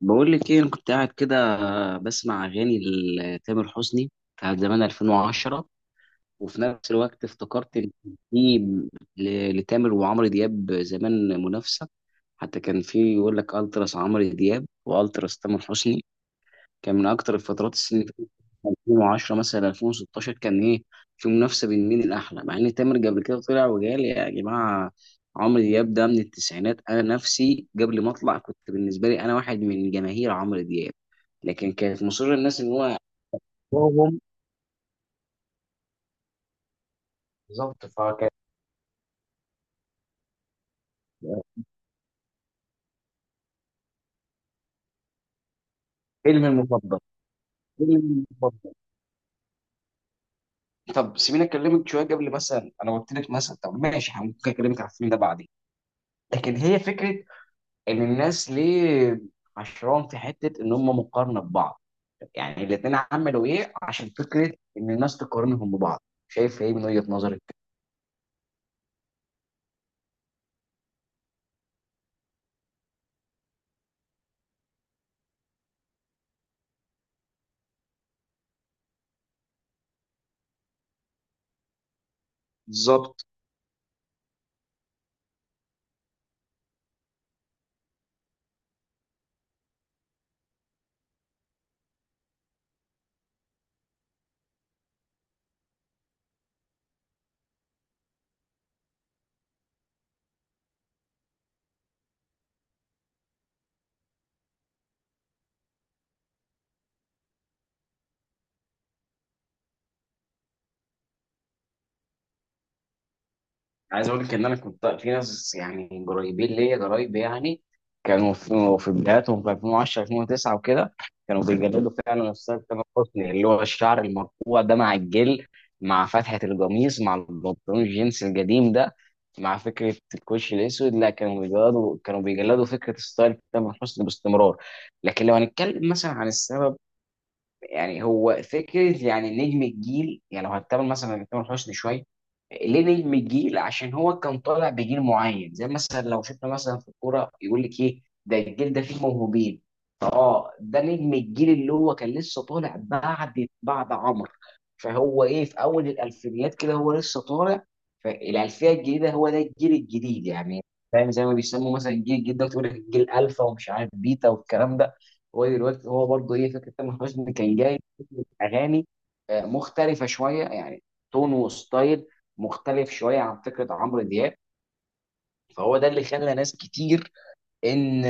بقول لك ايه انا كنت قاعد كده بسمع اغاني لتامر حسني بتاعت زمان 2010. وفي نفس الوقت افتكرت ان كان في لتامر وعمرو دياب زمان منافسه، حتى كان في يقول لك التراس عمرو دياب والتراس تامر حسني. كان من اكتر الفترات السنة اللي فاتت 2010 مثلا 2016، كان ايه في منافسه بين مين الاحلى، مع ان تامر قبل كده طلع وقال يا جماعه، عمرو دياب ده من التسعينات، انا نفسي قبل ما اطلع كنت بالنسبه لي انا واحد من جماهير عمرو دياب. لكن كانت مصر الناس ان هو يحبهم. بالظبط، فكان. فيلم المفضل، فيلم المفضل. طب سيبيني اكلمك شويه، قبل مثلا انا قلت لك مثلا، طب ماشي ممكن اكلمك على الفيلم ده بعدين. لكن هي فكره، ان الناس ليه عشران في حته ان هم مقارنه ببعض، يعني الاثنين عملوا ايه عشان فكره ان الناس تقارنهم ببعض؟ شايف ايه من وجهه نظرك؟ بالظبط. عايز اقول لك ان انا كنت في ناس يعني قريبين ليا قرايب، يعني كانوا في بداياتهم في 2010، 2009 وكده. كانوا بيجددوا فعلا الستايل، تامر حسني اللي هو الشعر المرفوع ده مع الجل، مع فتحة القميص، مع البنطلون الجينز القديم ده، مع فكرة الكوش الأسود. لا كانوا بيجلدوا، كانوا بيجلدوا فكرة ستايل تامر حسني باستمرار. لكن لو هنتكلم مثلا عن السبب، يعني هو فكره يعني نجم الجيل، يعني لو هتقابل مثلا مع تامر حسني شويه، ليه نجم الجيل؟ عشان هو كان طالع بجيل معين، زي مثلا لو شفنا مثلا في الكوره يقول لك ايه ده، الجيل ده فيه موهوبين. اه ده نجم الجيل، اللي هو كان لسه طالع بعد عمرو. فهو ايه، في اول الالفينيات كده هو لسه طالع، فالالفيه الجديده هو ده الجيل الجديد يعني. فاهم؟ زي ما بيسموا مثلا الجيل الجديد ده، تقول لك الجيل الفا ومش عارف بيتا والكلام ده. هو دلوقتي هو برضه ايه، فكره تامر حسني كان جاي فكرة اغاني مختلفه شويه يعني، تون وستايل مختلف شويه عن فكره عمرو دياب. فهو ده اللي خلى ناس كتير، ان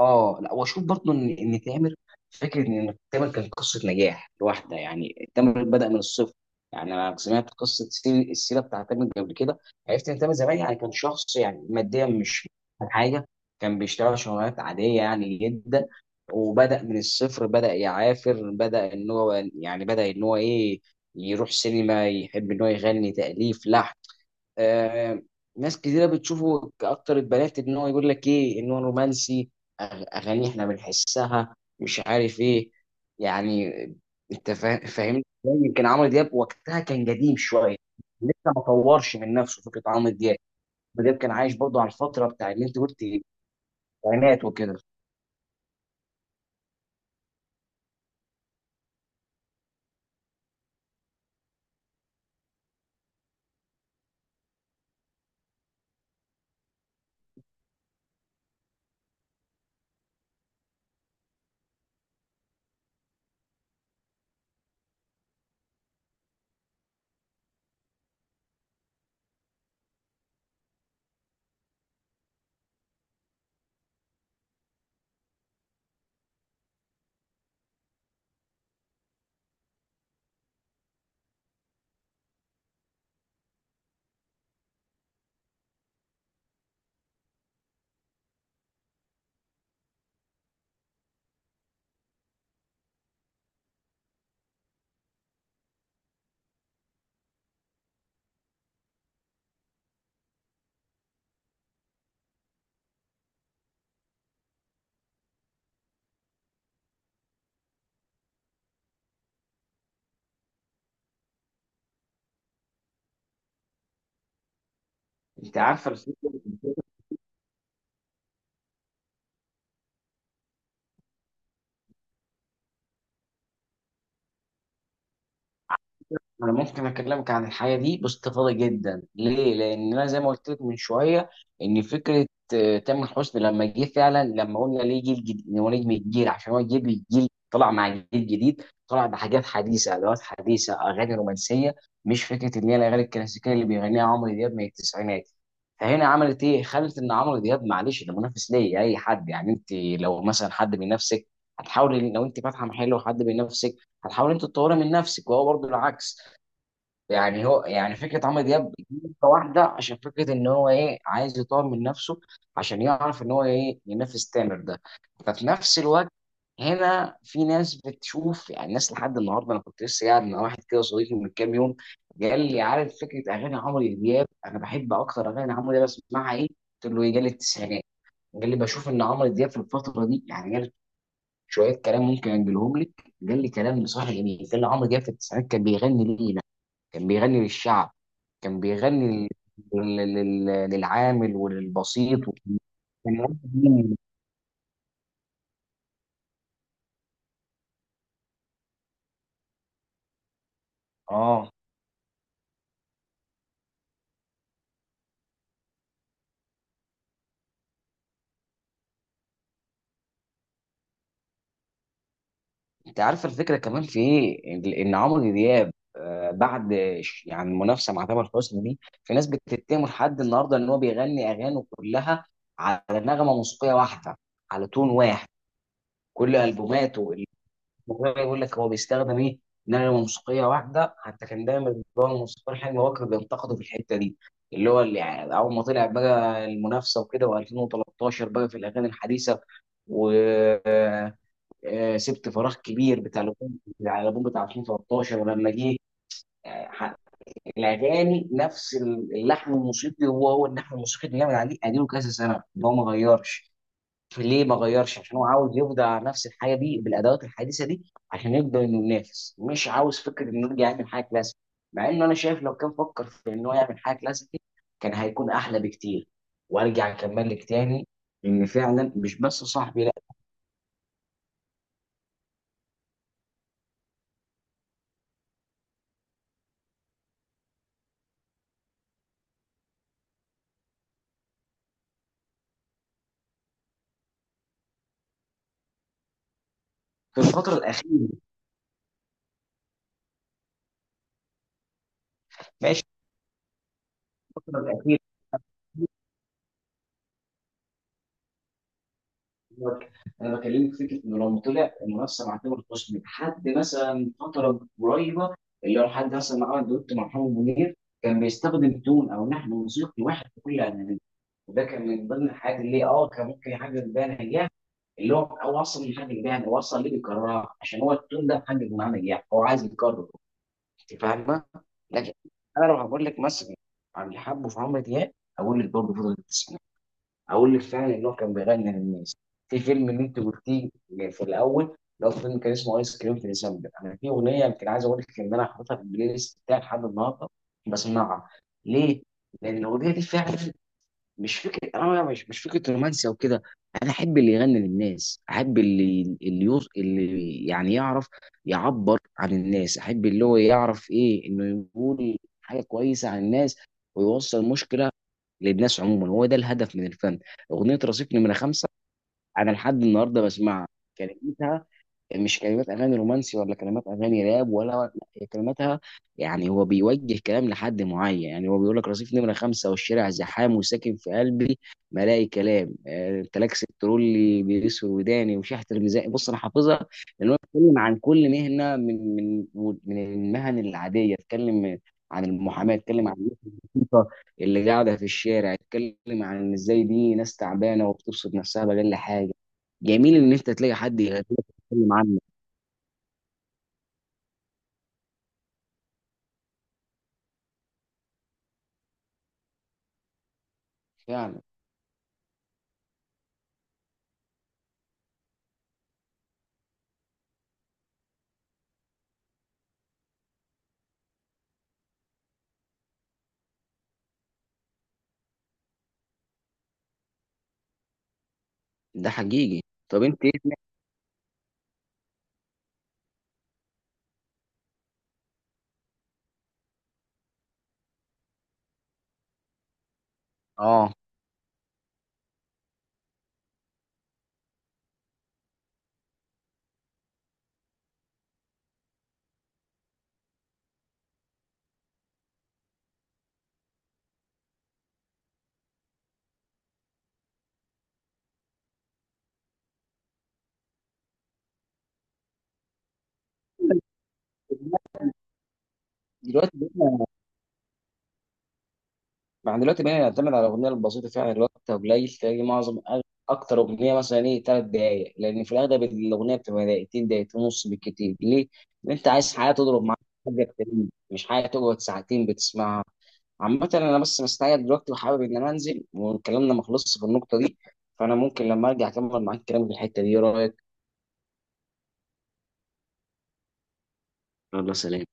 اه لا، واشوف برضه ان تامر، فكره ان تامر كان قصه نجاح لوحده. يعني تامر بدا من الصفر، يعني انا سمعت قصه السيره بتاعت تامر قبل كده. عرفت ان تامر زمان يعني كان شخص يعني ماديا مش أحسن حاجه، كان بيشتغل شغلانات عاديه يعني جدا، وبدا من الصفر، بدا يعافر، بدا ان هو يعني، بدا ان هو ايه، يروح سينما، يحب ان هو يغني، تاليف، لحن. آه، ناس كتيرة بتشوفه، كأكتر البنات إن هو يقول لك إيه، إن هو رومانسي. أغاني إحنا بنحسها مش عارف إيه يعني. أنت فاهم؟ يمكن عمرو دياب وقتها كان قديم شوية، لسه ما طورش من نفسه فكرة. عمرو دياب عمرو دياب كان عايش برضه على الفترة بتاع اللي أنت قلت، التسعينات وكده. أنت عارفة، انا ممكن اكلمك عن الحياه دي باستفاضه جدا، ليه؟ لان انا زي ما قلت لك من شويه، ان فكره تامر حسني لما جه فعلا، لما قلنا ليه جيل جديد، إن هو نجم الجيل عشان هو جيل، الجيل طلع مع جيل جديد، طلع بحاجات حديثه، ادوات حديثه، اغاني رومانسيه، مش فكره ان هي الاغاني الكلاسيكيه اللي بيغنيها عمرو دياب من التسعينات. فهنا عملت ايه؟ خلت ان عمرو دياب معلش ده منافس ليه. اي حد يعني، انت لو مثلا حد من نفسك هتحاول، لو انت فاتحه محل وحد من نفسك، هتحاول انت تطوري من نفسك، وهو برضه العكس يعني. هو يعني فكره عمرو دياب نقطة واحده، عشان فكره ان هو ايه عايز يطور من نفسه عشان يعرف ان هو ايه ينافس تامر ده. ففي نفس الوقت هنا في ناس بتشوف، يعني ناس لحد النهارده، انا كنت لسه قاعد مع واحد كده صديقي من كام يوم، قال لي عارف فكره اغاني عمرو دياب، انا بحب اكتر اغاني عمرو دياب اسمعها ايه؟ قلت له ايه، جال التسعينات. قال لي بشوف ان عمرو دياب في الفتره دي، يعني قال شويه كلام ممكن انجلهم لك. قال لي كلام بصراحه جميل، قال لي عمرو دياب في التسعينات كان بيغني ليه؟ كان بيغني للشعب، كان بيغني لل- لل- للعامل وللبسيط، وكان واحد منهم. اه، انت عارف الفكره كمان في ايه، ان إن عمرو دياب بعد يعني المنافسه مع تامر حسني دي، في ناس بتتهمه لحد النهارده ان هو بيغني اغانيه كلها على نغمه موسيقيه واحده، على تون واحد، كل البوماته. ما هو بيقول لك هو بيستخدم ايه، نغمه موسيقيه واحده. حتى كان دايما بيبقى الموسيقار حلمي بكر بينتقده في الحته دي، اللي هو اللي يعني اول ما طلع بقى المنافسه وكده، و2013 بقى في الاغاني الحديثه. و آه، سبت فراغ كبير بتاع الالبوم، بتاع الألبوم بتاع 2013. ولما جه آه، ح- الاغاني، نفس اللحن الموسيقي، هو اللحن الموسيقي اللي جامد عليه، اديله كذا سنه ده هو ما غيرش. ليه ما غيرش؟ عشان هو عاوز يبدع نفس الحاجه دي بالادوات الحديثه دي عشان يقدر انه ينافس، مش عاوز فكره انه يرجع يعمل حاجه كلاسيك. مع انه انا شايف لو كان فكر في انه يعمل حاجه كلاسيك كان هيكون احلى بكتير. وارجع اكمل لك تاني. ان فعلا مش بس صاحبي، لا، في الفتره الاخيره. ماشي. الفتره الاخيره، انا بكلمك فكره انه لو طلع المنافسه مع تامر حسني لحد مثلا فتره قريبه، اللي هو لحد مثلا ما عمل دوت مع محمد منير، كان بيستخدم تون او نحن موسيقي واحد في كل اغانيه. وده كان من ضمن الحاجات اللي كان ممكن يحقق بيها نجاح، اللي هو او اصلا مش حاجه بيها، هو اصلا ليه بيكررها؟ عشان هو التون ده محقق معاه نجاح، هو عايز يكرره. انت فاهمه؟ لكن انا لو هقول لك مثلا عن اللي حبه في عمرو دياب، اقول لك برضه فضل، اقول لك فعلا ان هو كان بيغني للناس. في فيلم اللي انت قلتيه في الاول، اللي هو فيلم كان اسمه ايس كريم في ديسمبر، انا في اغنيه يمكن عايز اقول لك ان انا حاططها في البلاي ليست بتاعي لحد النهارده بسمعها. ليه؟ لان الاغنيه دي فعلا مش فكره، انا مش فكره رومانسي او كده. انا احب اللي يغني للناس، احب اللي اللي يعني يعرف يعبر عن الناس، احب اللي هو يعرف ايه انه يقول حاجه كويسه عن الناس، ويوصل مشكله للناس عموما. هو ده الهدف من الفن. اغنيه رصيف نمره خمسه، انا لحد النهارده بسمعها. كلمتها مش كلمات اغاني رومانسي ولا كلمات اغاني راب، ولا لا، هي كلماتها يعني هو بيوجه كلام لحد معين. يعني هو بيقول لك: رصيف نمره خمسه والشارع زحام وساكن في قلبي ما الاقي كلام انت لك ست اللي بيسوي وداني وشحت الميزان. بص انا حافظها، لان هو بيتكلم عن كل مهنه، من المهن العاديه. اتكلم عن المحاماه، اتكلم عن الناس البسيطه اللي قاعده في الشارع، اتكلم عن إن ازاي دي ناس تعبانه وبتبسط نفسها بأقل حاجه. جميل ان انت تلاقي حد يغني لك، يتكلم عنه. فعلا. ده حقيقي. طب انت ايه سمعت-؟ اه دلوقتي بقينا، دلوقتي بقينا نعتمد على الاغنيه البسيطه فعلا. الوقت قليل، تلاقي معظم اكتر اغنيه مثلا ايه 3 دقائق، لان في الاغلب الاغنيه بتبقى دقيقتين، دقيقتين ونص بالكتير. ليه؟ لان انت عايز حاجه تضرب معاك حاجه كتير، مش حاجه تقعد ساعتين بتسمعها. عامة أنا بس مستعجل دلوقتي وحابب إن أنا أنزل، وكلامنا ما خلصش في النقطة دي، فأنا ممكن لما أرجع أكمل معاك الكلام في الحتة دي. إيه رأيك؟ يلا سلام.